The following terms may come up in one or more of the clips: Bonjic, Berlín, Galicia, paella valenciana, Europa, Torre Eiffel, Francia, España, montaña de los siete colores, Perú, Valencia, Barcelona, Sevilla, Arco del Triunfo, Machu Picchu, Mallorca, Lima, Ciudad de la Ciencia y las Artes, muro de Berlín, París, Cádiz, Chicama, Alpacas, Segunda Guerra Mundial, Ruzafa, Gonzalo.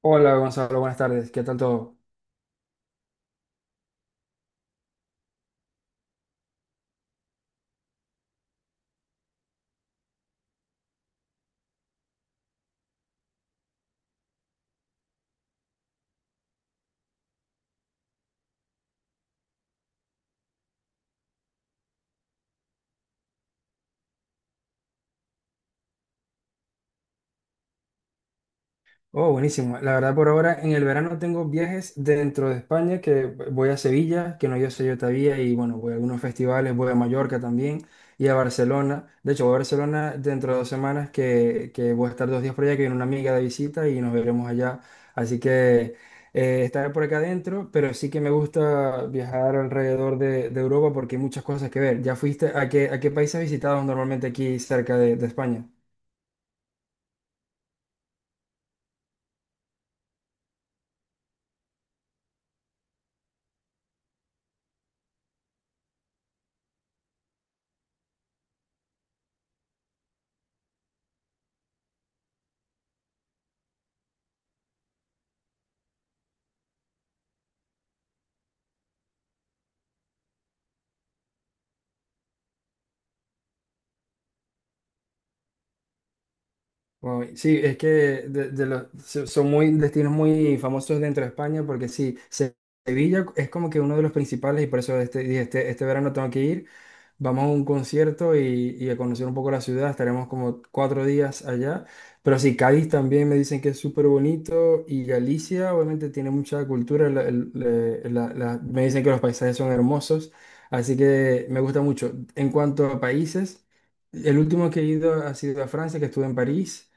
Hola Gonzalo, buenas tardes. ¿Qué tal todo? Oh, buenísimo. La verdad por ahora en el verano tengo viajes dentro de España que voy a Sevilla, que no yo sé yo todavía, y bueno, voy a algunos festivales, voy a Mallorca también y a Barcelona. De hecho, voy a Barcelona dentro de dos semanas que voy a estar dos días por allá, que viene una amiga de visita y nos veremos allá. Así que estaré por acá adentro, pero sí que me gusta viajar alrededor de Europa porque hay muchas cosas que ver. ¿Ya fuiste a qué país has visitado normalmente aquí cerca de España? Uy, sí, es que de los, son muy destinos muy famosos dentro de España porque sí, Sevilla es como que uno de los principales y por eso este, dije, este verano tengo que ir. Vamos a un concierto y a conocer un poco la ciudad, estaremos como cuatro días allá. Pero sí, Cádiz también me dicen que es súper bonito y Galicia obviamente tiene mucha cultura, me dicen que los paisajes son hermosos, así que me gusta mucho. En cuanto a países, el último que he ido ha sido a Francia, que estuve en París.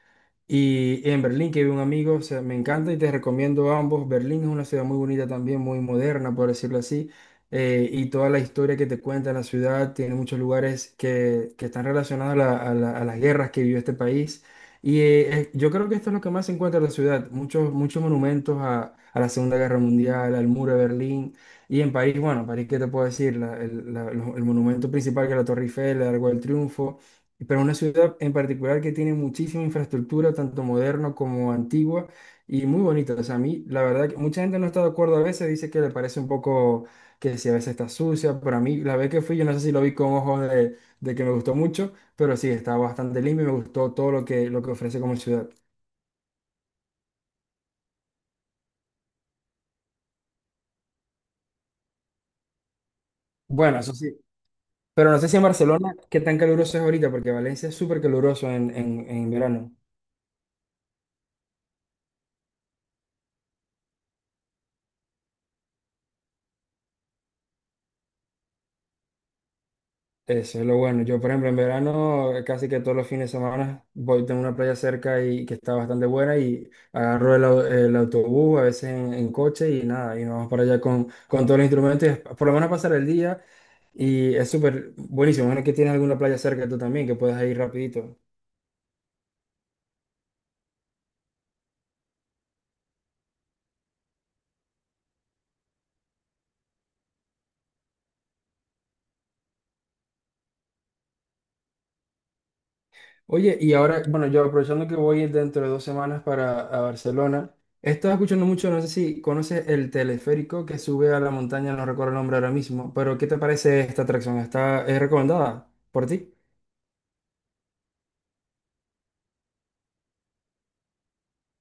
Y en Berlín, que vive un amigo, o sea, me encanta y te recomiendo ambos. Berlín es una ciudad muy bonita también, muy moderna, por decirlo así. Y toda la historia que te cuenta la ciudad tiene muchos lugares que están relacionados a, a las guerras que vivió este país. Y yo creo que esto es lo que más se encuentra en la ciudad. Muchos, muchos monumentos a la Segunda Guerra Mundial, al muro de Berlín. Y en París, bueno, París, ¿qué te puedo decir? El monumento principal que es la Torre Eiffel, el Arco del Triunfo, pero una ciudad en particular que tiene muchísima infraestructura, tanto moderna como antigua, y muy bonita. O sea, a mí, la verdad, que mucha gente no está de acuerdo a veces, dice que le parece un poco que si a veces está sucia, pero a mí, la vez que fui, yo no sé si lo vi con ojos de que me gustó mucho, pero sí, está bastante limpio y me gustó todo lo lo que ofrece como ciudad. Bueno, eso sí, pero no sé si en Barcelona, qué tan caluroso es ahorita, porque Valencia es súper caluroso en verano. Eso es lo bueno. Yo, por ejemplo, en verano casi que todos los fines de semana voy, tengo una playa cerca y que está bastante buena y agarro el, el autobús, a veces en coche y nada, y nos vamos para allá con todos los instrumentos, y por lo menos pasar el día y es súper buenísimo. Bueno, que tienes alguna playa cerca tú también, que puedas ir rapidito. Oye, y ahora, bueno, yo aprovechando que voy dentro de dos semanas para a Barcelona, he estado escuchando mucho, no sé si conoces el teleférico que sube a la montaña, no recuerdo el nombre ahora mismo, pero ¿qué te parece esta atracción? ¿Está, es recomendada por ti?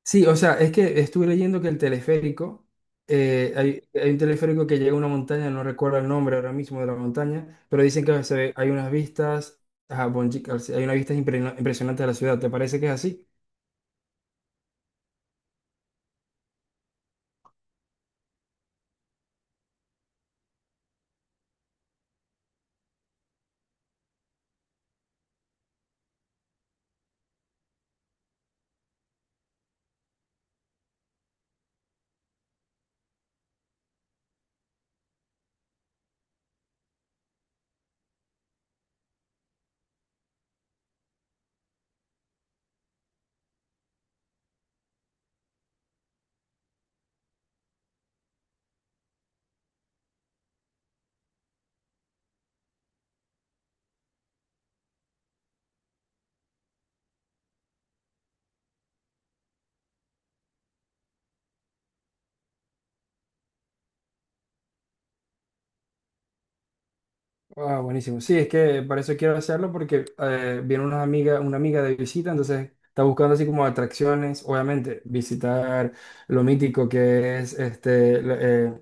Sí, o sea, es que estuve leyendo que el teleférico, hay un teleférico que llega a una montaña, no recuerdo el nombre ahora mismo de la montaña, pero dicen que hay unas vistas, ajá, Bonjic, hay unas vistas impresionantes de la ciudad, ¿te parece que es así? Ah, buenísimo. Sí, es que para eso quiero hacerlo porque viene una amiga de visita, entonces está buscando así como atracciones, obviamente, visitar lo mítico que es este,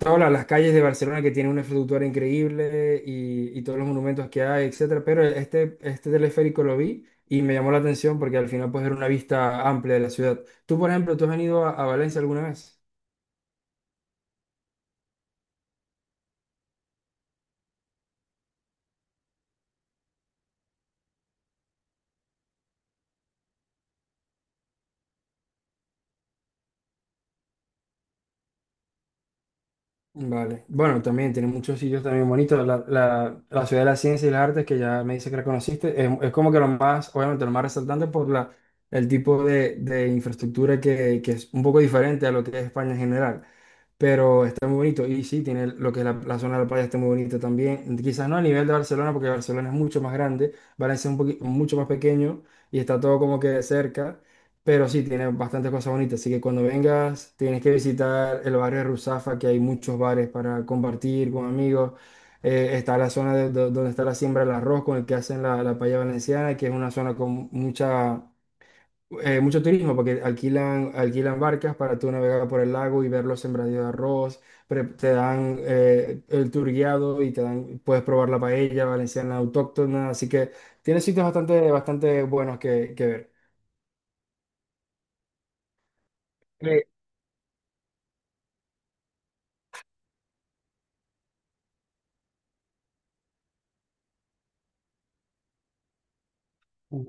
todas las calles de Barcelona que tienen una infraestructura increíble y todos los monumentos que hay, etcétera. Pero este teleférico lo vi y me llamó la atención porque al final puedes ver una vista amplia de la ciudad. Tú, por ejemplo, ¿tú has venido a Valencia alguna vez? Vale. Bueno, también tiene muchos sitios también bonitos. La, la, la Ciudad de la Ciencia y las Artes, que ya me dice que la conociste, es como que lo más, obviamente, lo más resaltante por la, el tipo de infraestructura que es un poco diferente a lo que es España en general, pero está muy bonito. Y sí, tiene lo que es la, la zona de la playa, está muy bonita también. Quizás no a nivel de Barcelona, porque Barcelona es mucho más grande, Valencia es un mucho más pequeño y está todo como que cerca. Pero sí, tiene bastantes cosas bonitas. Así que cuando vengas, tienes que visitar el barrio de Ruzafa, que hay muchos bares para compartir con amigos. Está la zona donde está la siembra del arroz, con el que hacen la, la paella valenciana, que es una zona con mucha, mucho turismo, porque alquilan, alquilan barcas para tú navegar por el lago y ver los sembradíos de arroz. Te dan el tour guiado y te dan, puedes probar la paella valenciana autóctona. Así que tiene sitios bastante, bastante buenos que ver. Eh,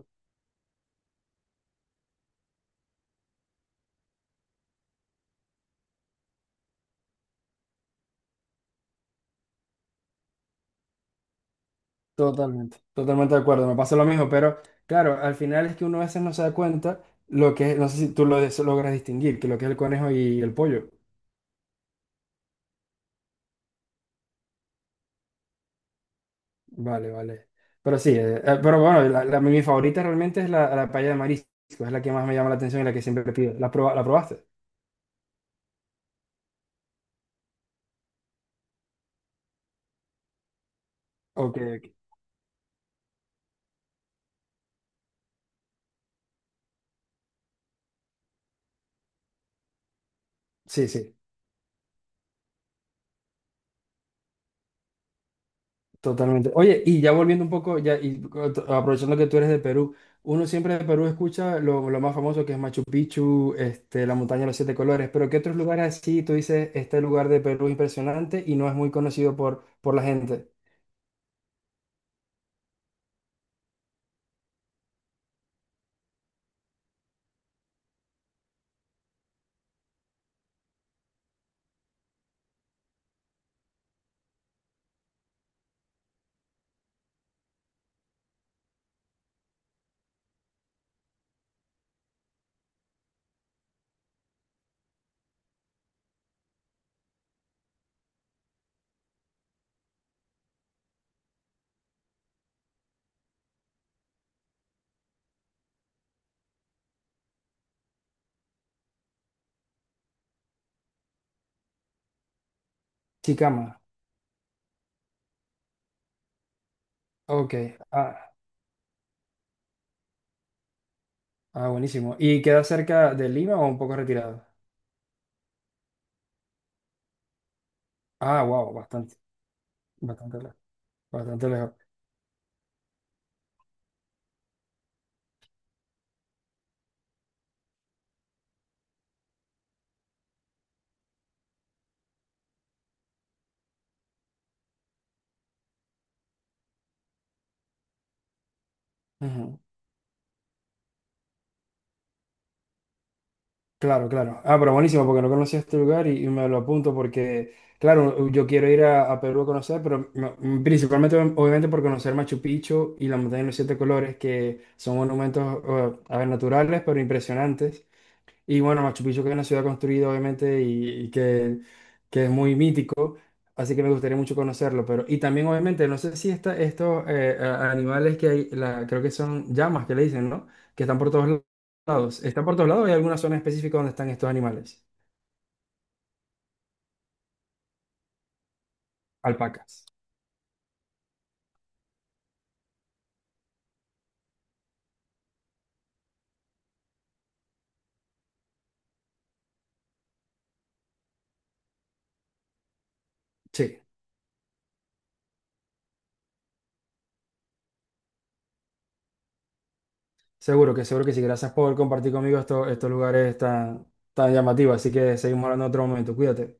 Totalmente, totalmente de acuerdo, me pasa lo mismo, pero claro, al final es que uno a veces no se da cuenta lo que es, no sé si tú lo logras distinguir, que lo que es el conejo y el pollo. Vale, vale. Pero sí, pero bueno, la, mi favorita realmente es la, la paella de marisco, es la que más me llama la atención y la que siempre pido. ¿La, la probaste? Ok, ok. Sí, sí. Totalmente. Oye, y ya volviendo un poco, ya y aprovechando que tú eres de Perú, uno siempre de Perú escucha lo más famoso que es Machu Picchu, este, la montaña de los siete colores, pero ¿qué otros lugares así tú dices, este lugar de Perú es impresionante y no es muy conocido por la gente? Chicama. Ok. Ah, ah, buenísimo. ¿Y queda cerca de Lima o un poco retirado? Ah, wow, bastante, bastante lejos. Bastante lejos. Claro, claro. Ah, pero buenísimo, porque no conocía este lugar y me lo apunto porque, claro, yo quiero ir a Perú a conocer, pero principalmente, obviamente, por conocer Machu Picchu y la montaña de los siete colores, que son monumentos, a ver, naturales, pero impresionantes. Y bueno, Machu Picchu que es una ciudad construida, obviamente, y que es muy mítico, así que me gustaría mucho conocerlo. Pero, y también, obviamente, no sé si esta, estos animales que hay, la, creo que son llamas que le dicen, ¿no? Que están por todos lados. ¿Están por todos lados o hay alguna zona específica donde están estos animales? Alpacas. Sí, seguro que sí. Gracias por compartir conmigo estos, estos lugares tan, tan llamativos. Así que seguimos hablando en otro momento. Cuídate.